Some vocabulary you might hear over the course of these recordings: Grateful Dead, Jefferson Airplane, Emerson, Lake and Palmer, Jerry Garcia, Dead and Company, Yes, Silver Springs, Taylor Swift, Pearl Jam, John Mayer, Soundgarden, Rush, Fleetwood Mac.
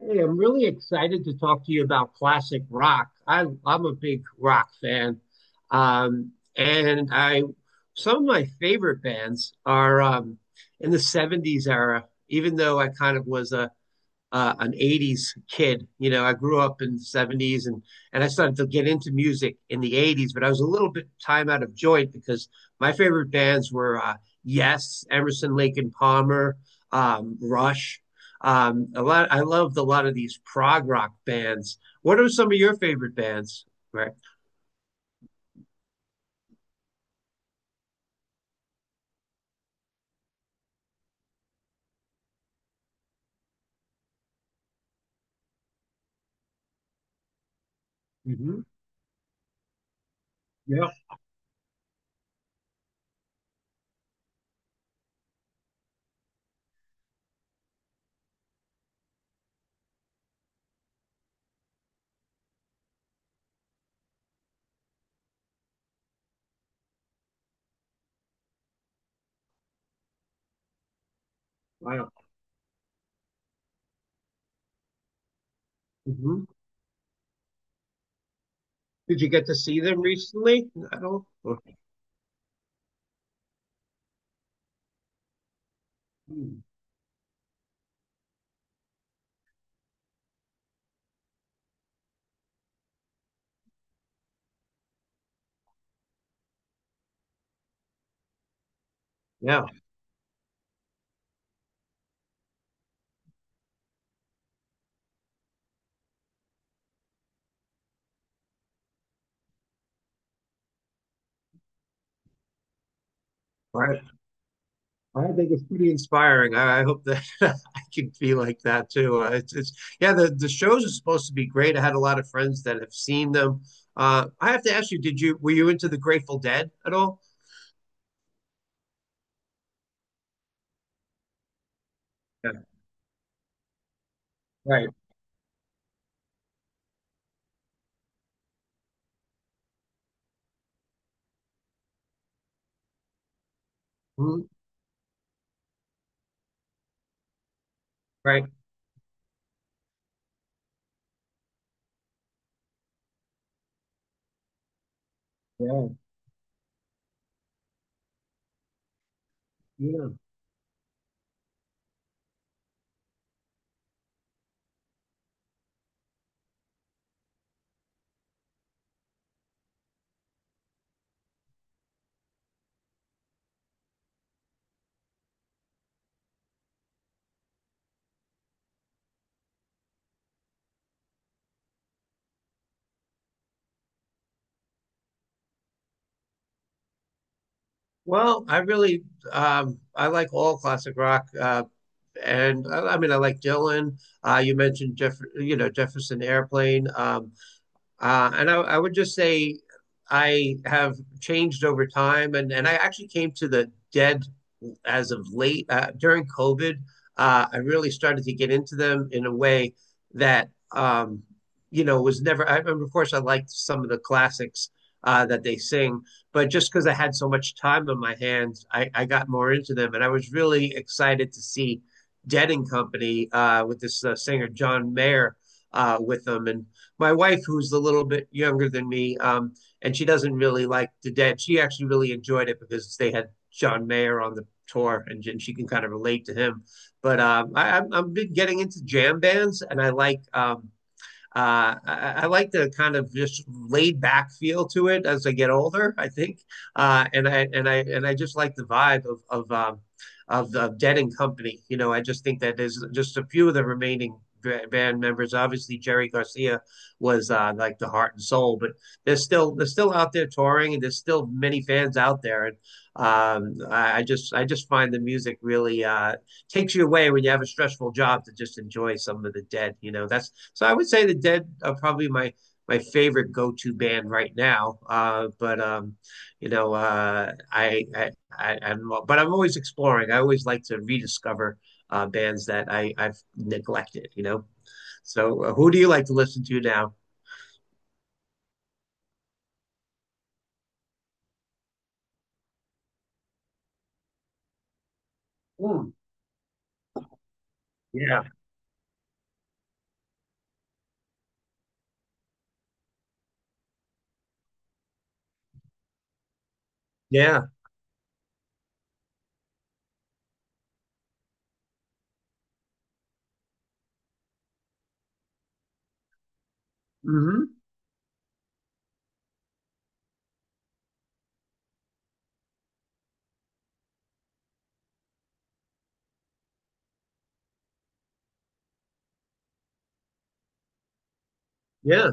Hey, I'm really excited to talk to you about classic rock. I'm a big rock fan. Um, and I, some of my favorite bands are in the '70s era, even though I kind of was a an '80s kid. You know, I grew up in the '70s and I started to get into music in the '80s, but I was a little bit time out of joint because my favorite bands were Yes, Emerson, Lake and Palmer, Rush. A lot. I loved a lot of these prog rock bands. What are some of your favorite bands, Rick? hmm Yeah. Wow. hmm Did you get to see them recently? I don't. Hmm. Yeah. Right. I think it's pretty inspiring. I hope that I can be like that too. It's yeah, the shows are supposed to be great. I had a lot of friends that have seen them. I have to ask you, did you were you into the Grateful Dead at all? Yeah, right. Mhm. Right. Yeah, yeah. Well, I really I like all classic rock, and I mean I like Dylan. You mentioned Jefferson Airplane. And I would just say I have changed over time, and I actually came to the dead as of late during COVID. I really started to get into them in a way that was never. I remember, of course, I liked some of the classics that they sing, but just because I had so much time on my hands, I got more into them, and I was really excited to see Dead and Company with this singer John Mayer with them, and my wife, who's a little bit younger than me, and she doesn't really like the dead. She actually really enjoyed it because they had John Mayer on the tour, and she can kind of relate to him. But I've been getting into jam bands, and I like like the kind of just laid back feel to it as I get older. And I just like the vibe of of the Dead and Company. You know, I just think that there's just a few of the remaining band members. Obviously, Jerry Garcia was like the heart and soul, but they're still out there touring, and there's still many fans out there. And I just find the music really takes you away when you have a stressful job to just enjoy some of the Dead. You know, that's so I would say the Dead are probably my favorite go-to band right now. But you know, I I'm but I'm always exploring. I always like to rediscover bands that I've neglected. You know, so who do you like to listen to now? Hmm. Yeah, yeah, mm-hmm, yeah.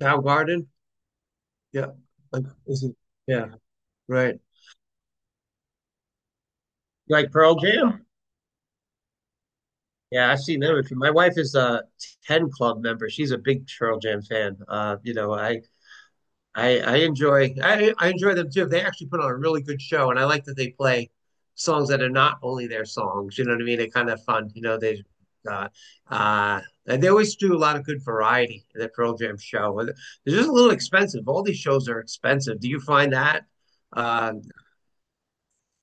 Soundgarden. Yeah, like is it? Yeah, right. Like Pearl Jam. Yeah, I've seen them. My wife is a 10 Club member. She's a big Pearl Jam fan. I enjoy I enjoy them too. They actually put on a really good show, and I like that they play songs that are not only their songs. You know what I mean? They're kind of fun. You know, uh uh they always do a lot of good variety in the Pearl Jam show. And they're just a little expensive. All these shows are expensive. Do you find that uh,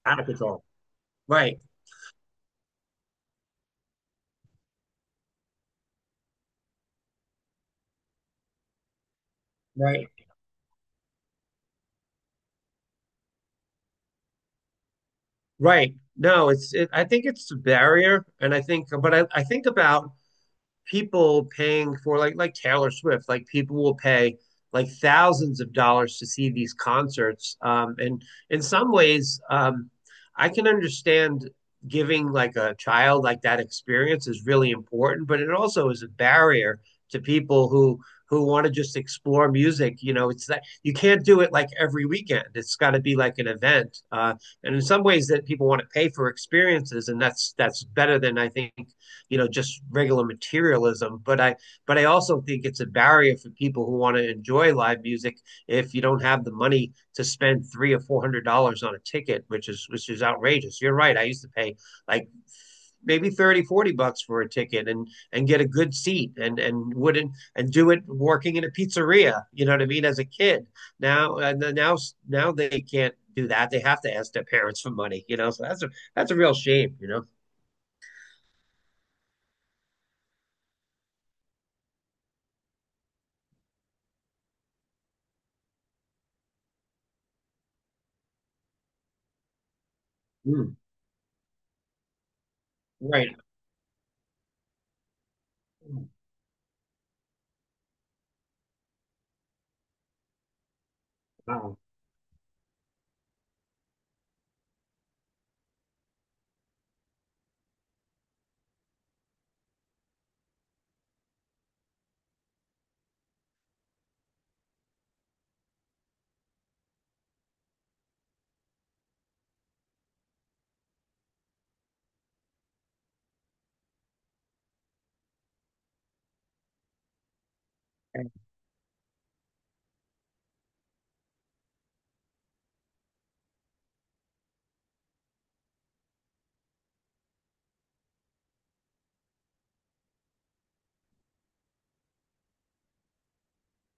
out of control? Right, right. Right. No, I think it's a barrier, and I think, but I think about people paying for like Taylor Swift, like people will pay like thousands of dollars to see these concerts. And In some ways, I can understand giving like a child like that experience is really important, but it also is a barrier to people who want to just explore music. You know, it's that you can't do it like every weekend. It's got to be like an event. And in some ways, that people want to pay for experiences, and that's better than, I think, you know, just regular materialism, but I but I also think it's a barrier for people who want to enjoy live music if you don't have the money to spend three or four hundred dollars on a ticket, which is outrageous. You're right, I used to pay like maybe 30, 40 bucks for a ticket and get a good seat, and wouldn't and do it working in a pizzeria, you know what I mean, as a kid. Now and then now Now they can't do that, they have to ask their parents for money, you know, so that's a real shame, you know. Mm, right. Wow.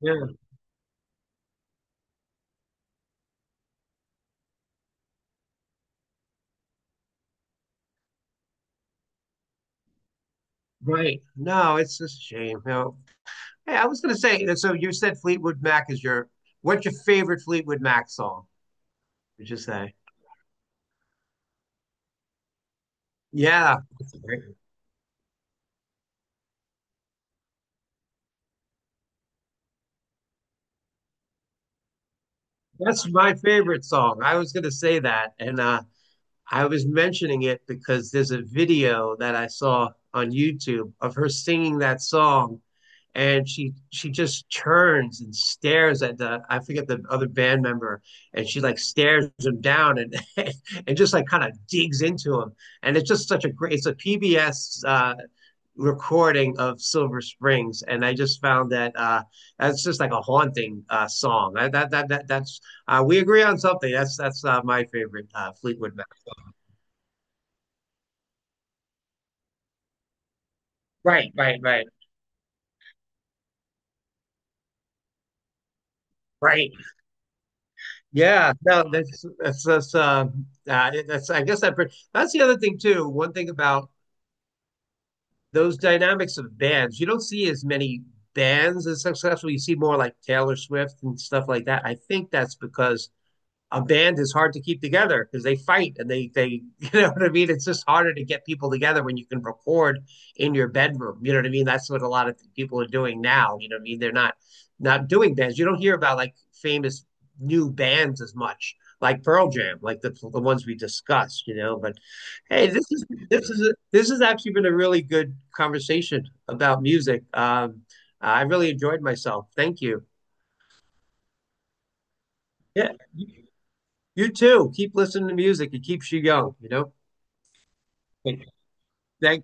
Yeah, right. No, it's just a shame. You know, hey, I was gonna say, so you said Fleetwood Mac is your what's your favorite Fleetwood Mac song? Would you say? Yeah, that's a great one. That's my favorite song. I was gonna say that, and I was mentioning it because there's a video that I saw on YouTube of her singing that song, and she just turns and stares at the, I forget the other band member, and she like stares him down and and just like kind of digs into him, and it's just such a great, it's a PBS recording of Silver Springs, and I just found that that's just like a haunting song. That that that, that that's We agree on something. That's my favorite Fleetwood Mac. Right, right, right, right. Yeah, no, that's that's, I guess that's the other thing too. One thing about those dynamics of bands, you don't see as many bands as successful. You see more like Taylor Swift and stuff like that. I think that's because a band is hard to keep together because they fight and they you know what I mean. It's just harder to get people together when you can record in your bedroom. You know what I mean. That's what a lot of people are doing now. You know what I mean. They're not not doing bands. You don't hear about like famous new bands as much like Pearl Jam, like the ones we discussed. You know, but hey, this has actually been a really good conversation about music. I really enjoyed myself. Thank you. Yeah. You too. Keep listening to music. It keeps you young, you know? Thank